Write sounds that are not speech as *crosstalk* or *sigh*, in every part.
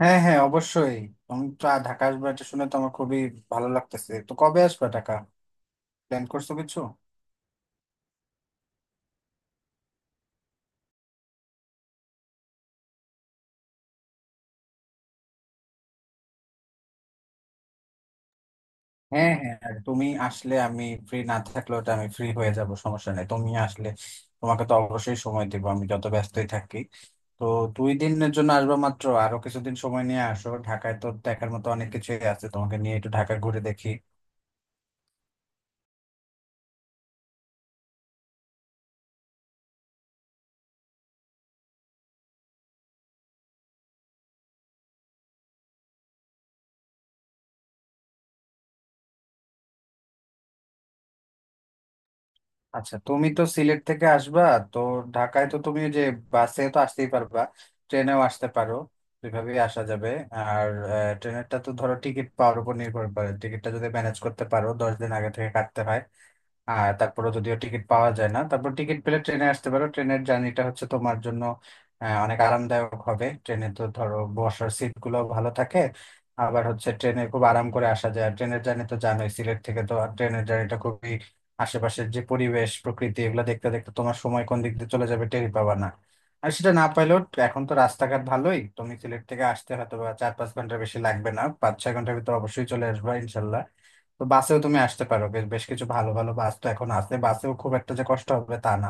হ্যাঁ হ্যাঁ, অবশ্যই। তুমি তো ঢাকা আসবে এটা শুনে তো আমার খুবই ভালো লাগতেছে। তো কবে আসবে ঢাকা? প্ল্যান করছো কিছু? হ্যাঁ হ্যাঁ, আর তুমি আসলে আমি ফ্রি না থাকলেও তো আমি ফ্রি হয়ে যাব, সমস্যা নেই। তুমি আসলে তোমাকে তো অবশ্যই সময় দেবো আমি যত ব্যস্তই থাকি। তো 2 দিনের জন্য আসবো মাত্র? আরো কিছুদিন সময় নিয়ে আসো, ঢাকায় তো দেখার মতো অনেক কিছুই আছে, তোমাকে নিয়ে একটু ঢাকা ঘুরে দেখি। আচ্ছা, তুমি তো সিলেট থেকে আসবা। তো ঢাকায় তো তুমি ওই যে বাসে তো আসতেই পারবা, ট্রেনেও আসতে পারো, দুইভাবেই আসা যাবে। আর ট্রেনেরটা তো ধরো টিকিট পাওয়ার উপর নির্ভর করে। টিকিটটা যদি ম্যানেজ করতে পারো 10 দিন আগে থেকে কাটতে হয়। আর তারপরে যদিও টিকিট পাওয়া যায় না, তারপর টিকিট পেলে ট্রেনে আসতে পারো। ট্রেনের জার্নিটা হচ্ছে তোমার জন্য অনেক আরামদায়ক হবে। ট্রেনে তো ধরো বসার সিট গুলো ভালো থাকে, আবার হচ্ছে ট্রেনে খুব আরাম করে আসা যায়। আর ট্রেনের জার্নি তো জানোই, সিলেট থেকে তো আর ট্রেনের জার্নিটা খুবই আশেপাশের যে পরিবেশ প্রকৃতি এগুলো দেখতে দেখতে তোমার সময় কোন দিক দিয়ে চলে যাবে টেরই পাবা না। আর সেটা না পাইলেও এখন তো রাস্তাঘাট ভালোই, তুমি সিলেট থেকে আসতে হয়তো বা 4-5 ঘন্টা, বেশি লাগবে না, 5-6 ঘন্টার ভিতর অবশ্যই চলে আসবে ইনশাল্লাহ। তো বাসেও তুমি আসতে পারো, বেশ বেশ কিছু ভালো ভালো বাস তো এখন আছে, বাসেও খুব একটা যে কষ্ট হবে তা না।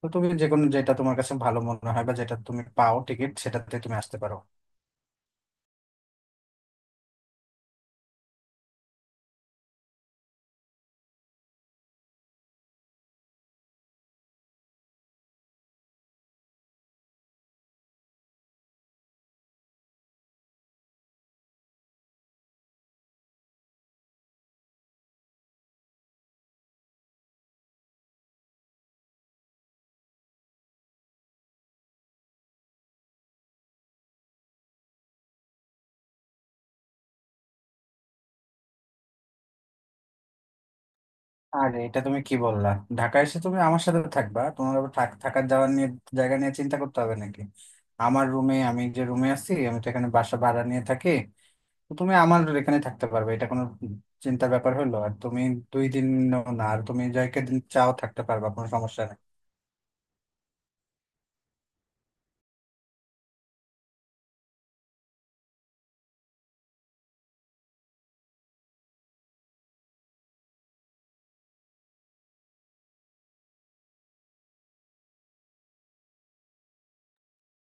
তো তুমি যে কোনো, যেটা তোমার কাছে ভালো মনে হয় বা যেটা তুমি পাও টিকিট, সেটাতে তুমি আসতে পারো। আর এটা তুমি কি বললা? ঢাকা এসে তুমি আমার সাথে থাকবা, তোমার আবার থাকার যাওয়ার নিয়ে জায়গা নিয়ে চিন্তা করতে হবে নাকি? আমার রুমে, আমি যে রুমে আছি, আমি তো এখানে বাসা ভাড়া নিয়ে থাকি, তো তুমি আমার এখানে থাকতে পারবে, এটা কোনো চিন্তার ব্যাপার হলো? আর তুমি 2 দিন না, আর তুমি যাকে দিন চাও থাকতে পারবা, কোনো সমস্যা নেই।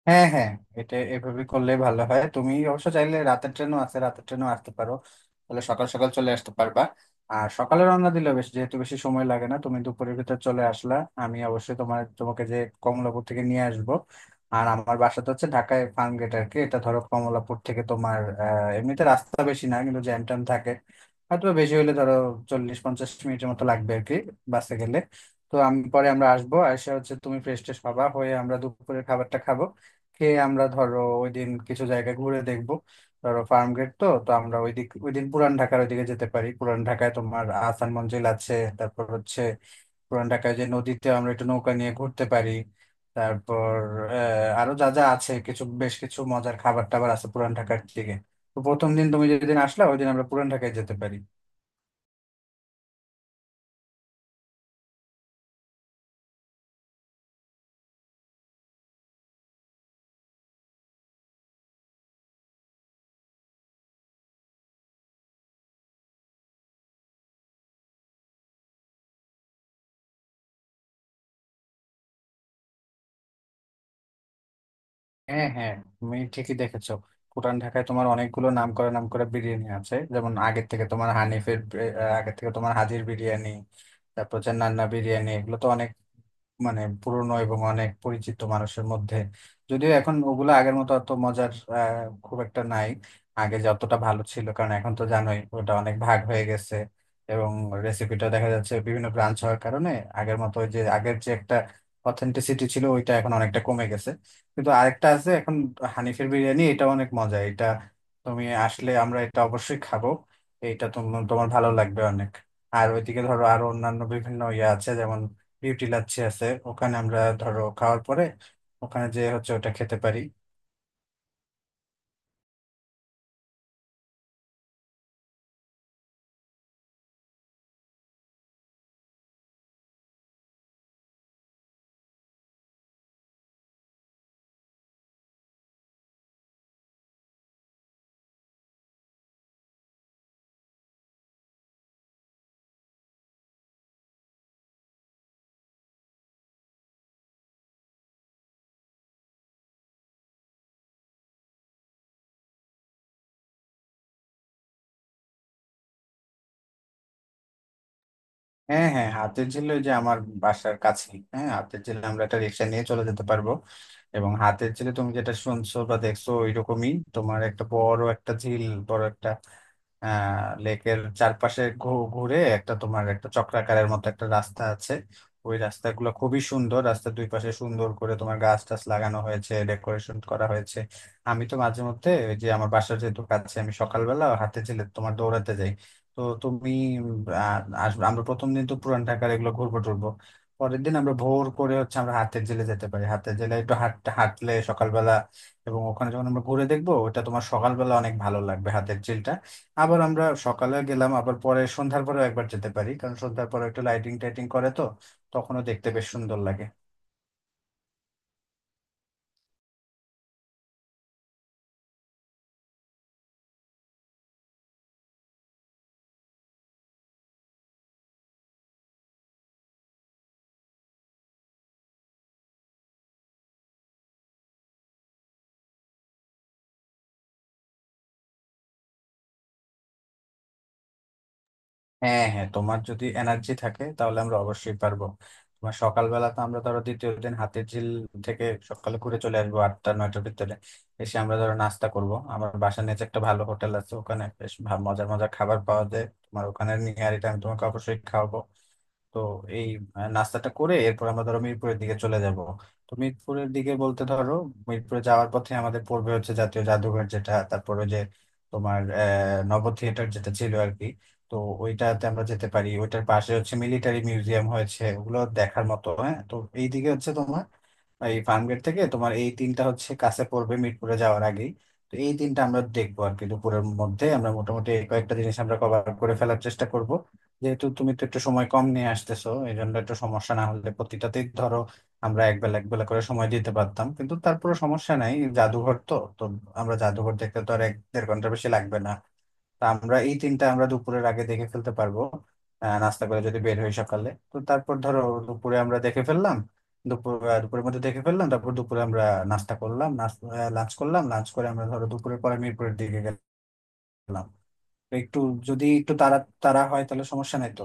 হ্যাঁ হ্যাঁ, এটা এভাবে করলে ভালো হয়। তুমি অবশ্য চাইলে রাতের ট্রেনও আছে, রাতের ট্রেনও আসতে পারো, তাহলে সকাল সকাল চলে আসতে পারবা। আর সকালে রওনা দিলে, বেশ যেহেতু বেশি সময় লাগে না, তুমি দুপুরের ভিতর চলে আসলা। আমি অবশ্যই তোমাকে যে কমলাপুর থেকে নিয়ে আসব। আর আমার বাসা তো হচ্ছে ঢাকায় ফার্ম গেট আর কি। এটা ধরো কমলাপুর থেকে তোমার এমনিতে রাস্তা বেশি না, কিন্তু জ্যাম ট্যাম থাকে, হয়তো বেশি হলে ধরো 40-50 মিনিটের মতো লাগবে আর কি বাসে গেলে। তো আমি পরে আমরা আসবো, এসে হচ্ছে তুমি ফ্রেশ ট্রেশ হবা, হয়ে আমরা দুপুরের খাবারটা খাবো। কে আমরা ধরো ওই দিন কিছু জায়গা ঘুরে দেখবো। ধরো ফার্ম গেট তো তো আমরা ওই দিক ওই দিন পুরান ঢাকার ওইদিকে যেতে পারি, পুরান ঢাকায় তোমার আহসান মঞ্জিল আছে। তারপর হচ্ছে পুরান ঢাকায় যে নদীতে আমরা একটু নৌকা নিয়ে ঘুরতে পারি। তারপর, আরো যা যা আছে, কিছু বেশ কিছু মজার খাবার টাবার আছে পুরান ঢাকার দিকে। তো প্রথম দিন তুমি যেদিন আসলা ওই দিন আমরা পুরান ঢাকায় যেতে পারি। হ্যাঁ হ্যাঁ, তুমি ঠিকই দেখেছো। পুরান ঢাকায় তোমার অনেকগুলো নাম করা নাম করা বিরিয়ানি আছে, যেমন আগে থেকে তোমার হানিফের আগে থেকে তোমার হাজির বিরিয়ানি, তারপর হচ্ছে নান্না বিরিয়ানি। এগুলো তো অনেক, মানে পুরনো এবং অনেক পরিচিত মানুষের মধ্যে। যদিও এখন ওগুলো আগের মতো অত মজার আহ, খুব একটা নাই, আগে যতটা ভালো ছিল, কারণ এখন তো জানোই ওটা অনেক ভাগ হয়ে গেছে, এবং রেসিপিটা দেখা যাচ্ছে বিভিন্ন ব্রাঞ্চ হওয়ার কারণে আগের মতো ওই যে আগের যে একটা অথেন্টিসিটি ছিল ওইটা এখন অনেকটা কমে গেছে। কিন্তু আরেকটা আছে এখন, হানিফের বিরিয়ানি, এটা অনেক মজা। এটা তুমি আসলে আমরা এটা অবশ্যই খাবো, এটা তোমার তোমার ভালো লাগবে অনেক। আর ওইদিকে ধরো আরো অন্যান্য বিভিন্ন ইয়ে আছে, যেমন বিউটি লাচ্ছি আছে ওখানে, আমরা ধরো খাওয়ার পরে ওখানে যে হচ্ছে ওটা খেতে পারি। হ্যাঁ হ্যাঁ, হাতের ঝিল ওই যে আমার বাসার কাছেই। হ্যাঁ, হাতের ঝিল আমরা একটা রিক্সা নিয়ে চলে যেতে পারবো। এবং হাতের ঝিলে তুমি যেটা শুনছো বা দেখছো ওইরকমই তোমার একটা বড় একটা ঝিল, বড় একটা লেকের চারপাশে ঘুরে একটা তোমার একটা চক্রাকারের মতো একটা রাস্তা আছে। ওই রাস্তাগুলো খুবই সুন্দর, রাস্তার দুই পাশে সুন্দর করে তোমার গাছ টাছ লাগানো হয়েছে, ডেকোরেশন করা হয়েছে। আমি তো মাঝে মধ্যে ওই যে আমার বাসার যেহেতু কাছে, আমি সকালবেলা হাঁটতে গেলে তোমার দৌড়াতে যাই। তো তুমি উম, আহ, আসবে, আমরা প্রথম দিন তো পুরান ঢাকার এগুলো ঘুরবো টুরবো। পরের দিন আমরা ভোর করে হচ্ছে আমরা হাতের জেলে যেতে পারি, হাতের জেলে একটু হাঁটতে হাঁটলে সকালবেলা, এবং ওখানে যখন আমরা ঘুরে দেখবো ওটা তোমার সকালবেলা অনেক ভালো লাগবে হাতের ঝিলটা। আবার আমরা সকালে গেলাম আবার পরে সন্ধ্যার পরেও একবার যেতে পারি, কারণ সন্ধ্যার পরে একটু লাইটিং টাইটিং করে তো তখনও দেখতে বেশ সুন্দর লাগে। হ্যাঁ হ্যাঁ, তোমার যদি এনার্জি থাকে তাহলে আমরা অবশ্যই পারবো। তোমার সকালবেলা তো আমরা ধরো দ্বিতীয় দিন হাতির ঝিল থেকে সকালে ঘুরে চলে আসবো 8-9টার ভিতরে, এসে আমরা ধরো নাস্তা করব। আমার বাসার নিচে একটা ভালো হোটেল আছে, ওখানে বেশ মজার মজার খাবার পাওয়া যায় তোমার, ওখানে নিয়ে আর এটা আমি তোমাকে অবশ্যই খাওয়াবো। তো এই নাস্তাটা করে এরপর আমরা ধরো মিরপুরের দিকে চলে যাব। তো মিরপুরের দিকে বলতে ধরো মিরপুরে যাওয়ার পথে আমাদের পড়বে হচ্ছে জাতীয় জাদুঘর, যেটা তারপরে যে তোমার নব থিয়েটার যেটা ছিল আর কি। তো ওইটাতে আমরা যেতে পারি, ওইটার পাশে হচ্ছে মিলিটারি মিউজিয়াম হয়েছে, ওগুলো দেখার মতো হ্যাঁ। তো এইদিকে হচ্ছে তোমার এই ফার্মগেট থেকে তোমার এই তিনটা হচ্ছে কাছে পড়বে, মিরপুরে যাওয়ার আগেই। তো এই তিনটা আমরা দেখবো আর কি, দুপুরের মধ্যে আমরা মোটামুটি এই কয়েকটা জিনিস আমরা কভার করে ফেলার চেষ্টা করব। যেহেতু তুমি তো একটু সময় কম নিয়ে আসতেছো, এই জন্য একটু সমস্যা না হলে প্রতিটাতেই ধরো আমরা এক বেলা এক বেলা করে সময় দিতে পারতাম, কিন্তু তারপরে সমস্যা নাই। জাদুঘর তো তো আমরা জাদুঘর দেখতে তো আর 1-1.5 ঘন্টা বেশি লাগবে না। তা আমরা এই তিনটা আমরা দুপুরের আগে দেখে ফেলতে পারবো। নাস্তা করে যদি বের হই সকালে, তো তারপর ধরো দুপুরে আমরা দেখে ফেললাম, দুপুর দুপুরের মধ্যে দেখে ফেললাম। তারপর দুপুরে আমরা নাস্তা করলাম, লাঞ্চ করলাম, লাঞ্চ করে আমরা ধরো দুপুরের পরে মিরপুরের দিকে গেলাম। তো একটু, যদি একটু তাড়া তাড়া হয় তাহলে সমস্যা নাই তো।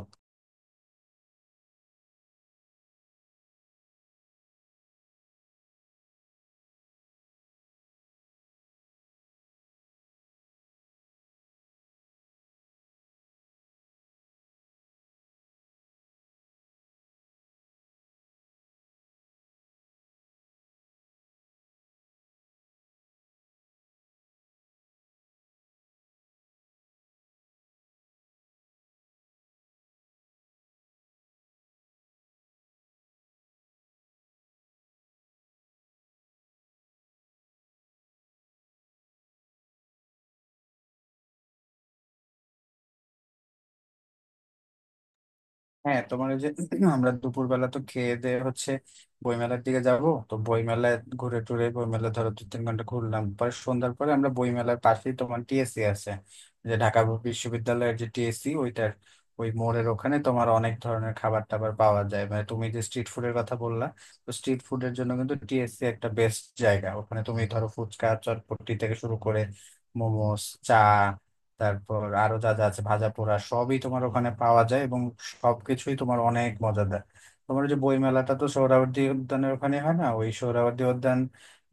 হ্যাঁ, তোমার ওই যে *clears throat* আমরা দুপুরবেলা তো খেয়ে দেয়ে হচ্ছে বইমেলার দিকে যাব। তো বইমেলায় ঘুরে টুরে, বইমেলা ধরো 2-3 ঘন্টা ঘুরলাম, পরে সন্ধ্যার পরে আমরা বইমেলার পাশেই তোমার টিএসসি আছে, যে ঢাকা বিশ্ববিদ্যালয়ের যে টিএসসি ওইটার ওই মোড়ের ওখানে তোমার অনেক ধরনের খাবার টাবার পাওয়া যায়। মানে তুমি যে স্ট্রিট ফুডের কথা বললা, তো স্ট্রিট ফুডের জন্য কিন্তু টিএসসি একটা বেস্ট জায়গা। ওখানে তুমি ধরো ফুচকা চটপটি থেকে শুরু করে মোমোস, চা, তারপর আরো যা যা আছে ভাজা পোড়া সবই তোমার ওখানে পাওয়া যায়, এবং সবকিছুই তোমার অনেক মজাদার। তোমার ওই যে বই মেলাটা তো সোহরাওয়ার্দী উদ্যানের ওখানে হয় না, ওই সোহরাওয়ার্দী উদ্যান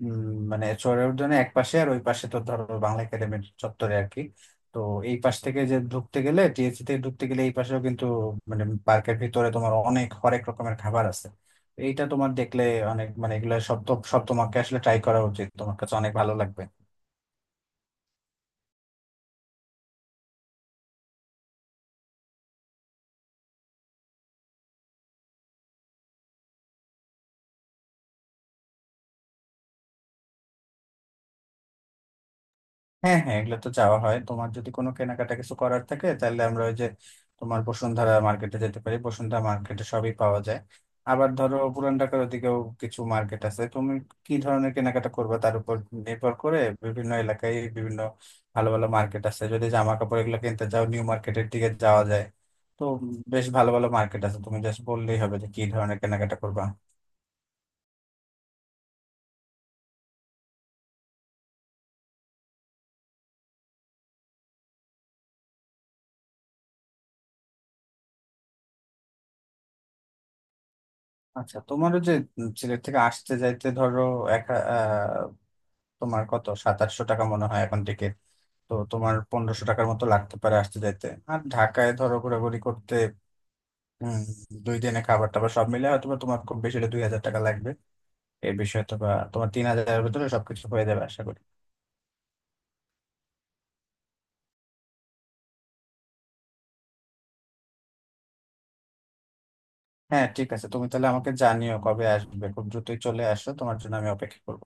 উম, মানে সোহরাওয়ার্দী উদ্যানের এক পাশে, আর ওই পাশে তো ধরো বাংলা একাডেমির চত্বরে আর কি। তো এই পাশ থেকে যে ঢুকতে গেলে টিএসসি থেকে ঢুকতে গেলে এই পাশেও কিন্তু মানে পার্কের ভিতরে তোমার অনেক হরেক রকমের খাবার আছে। এইটা তোমার দেখলে অনেক, মানে এগুলো সব তো সব তোমাকে আসলে ট্রাই করা উচিত, তোমার কাছে অনেক ভালো লাগবে। হ্যাঁ হ্যাঁ, এগুলো তো যাওয়া হয়। তোমার যদি কোনো কেনাকাটা কিছু করার থাকে, তাহলে আমরা ওই যে তোমার বসুন্ধরা মার্কেটে যেতে পারি, বসুন্ধরা মার্কেটে সবই পাওয়া যায়। আবার ধরো পুরান ঢাকার ওদিকেও কিছু মার্কেট আছে। তুমি কি ধরনের কেনাকাটা করবে তার উপর নির্ভর করে বিভিন্ন এলাকায় বিভিন্ন ভালো ভালো মার্কেট আছে। যদি জামা কাপড় এগুলো কিনতে চাও নিউ মার্কেটের দিকে যাওয়া যায়। তো বেশ ভালো ভালো মার্কেট আছে, তুমি জাস্ট বললেই হবে যে কি ধরনের কেনাকাটা করবা। আচ্ছা, তোমারও যে সিলেট থেকে আসতে যাইতে ধরো এক, তোমার কত 2700 টাকা মনে হয় এখন টিকিট। তো তোমার 1500 টাকার মতো লাগতে পারে আসতে যাইতে। আর ঢাকায় ধরো ঘোরাঘুরি করতে উম 2 দিনে খাবার টাবার সব মিলে হয়তো বা তোমার খুব বেশি হলে 2000 টাকা লাগবে এর বিষয়ে, তো বা তোমার 3000-এর ভিতরে সবকিছু হয়ে যাবে আশা করি। হ্যাঁ, ঠিক আছে, তুমি তাহলে আমাকে জানিও কবে আসবে। খুব দ্রুতই চলে আসো, তোমার জন্য আমি অপেক্ষা করবো।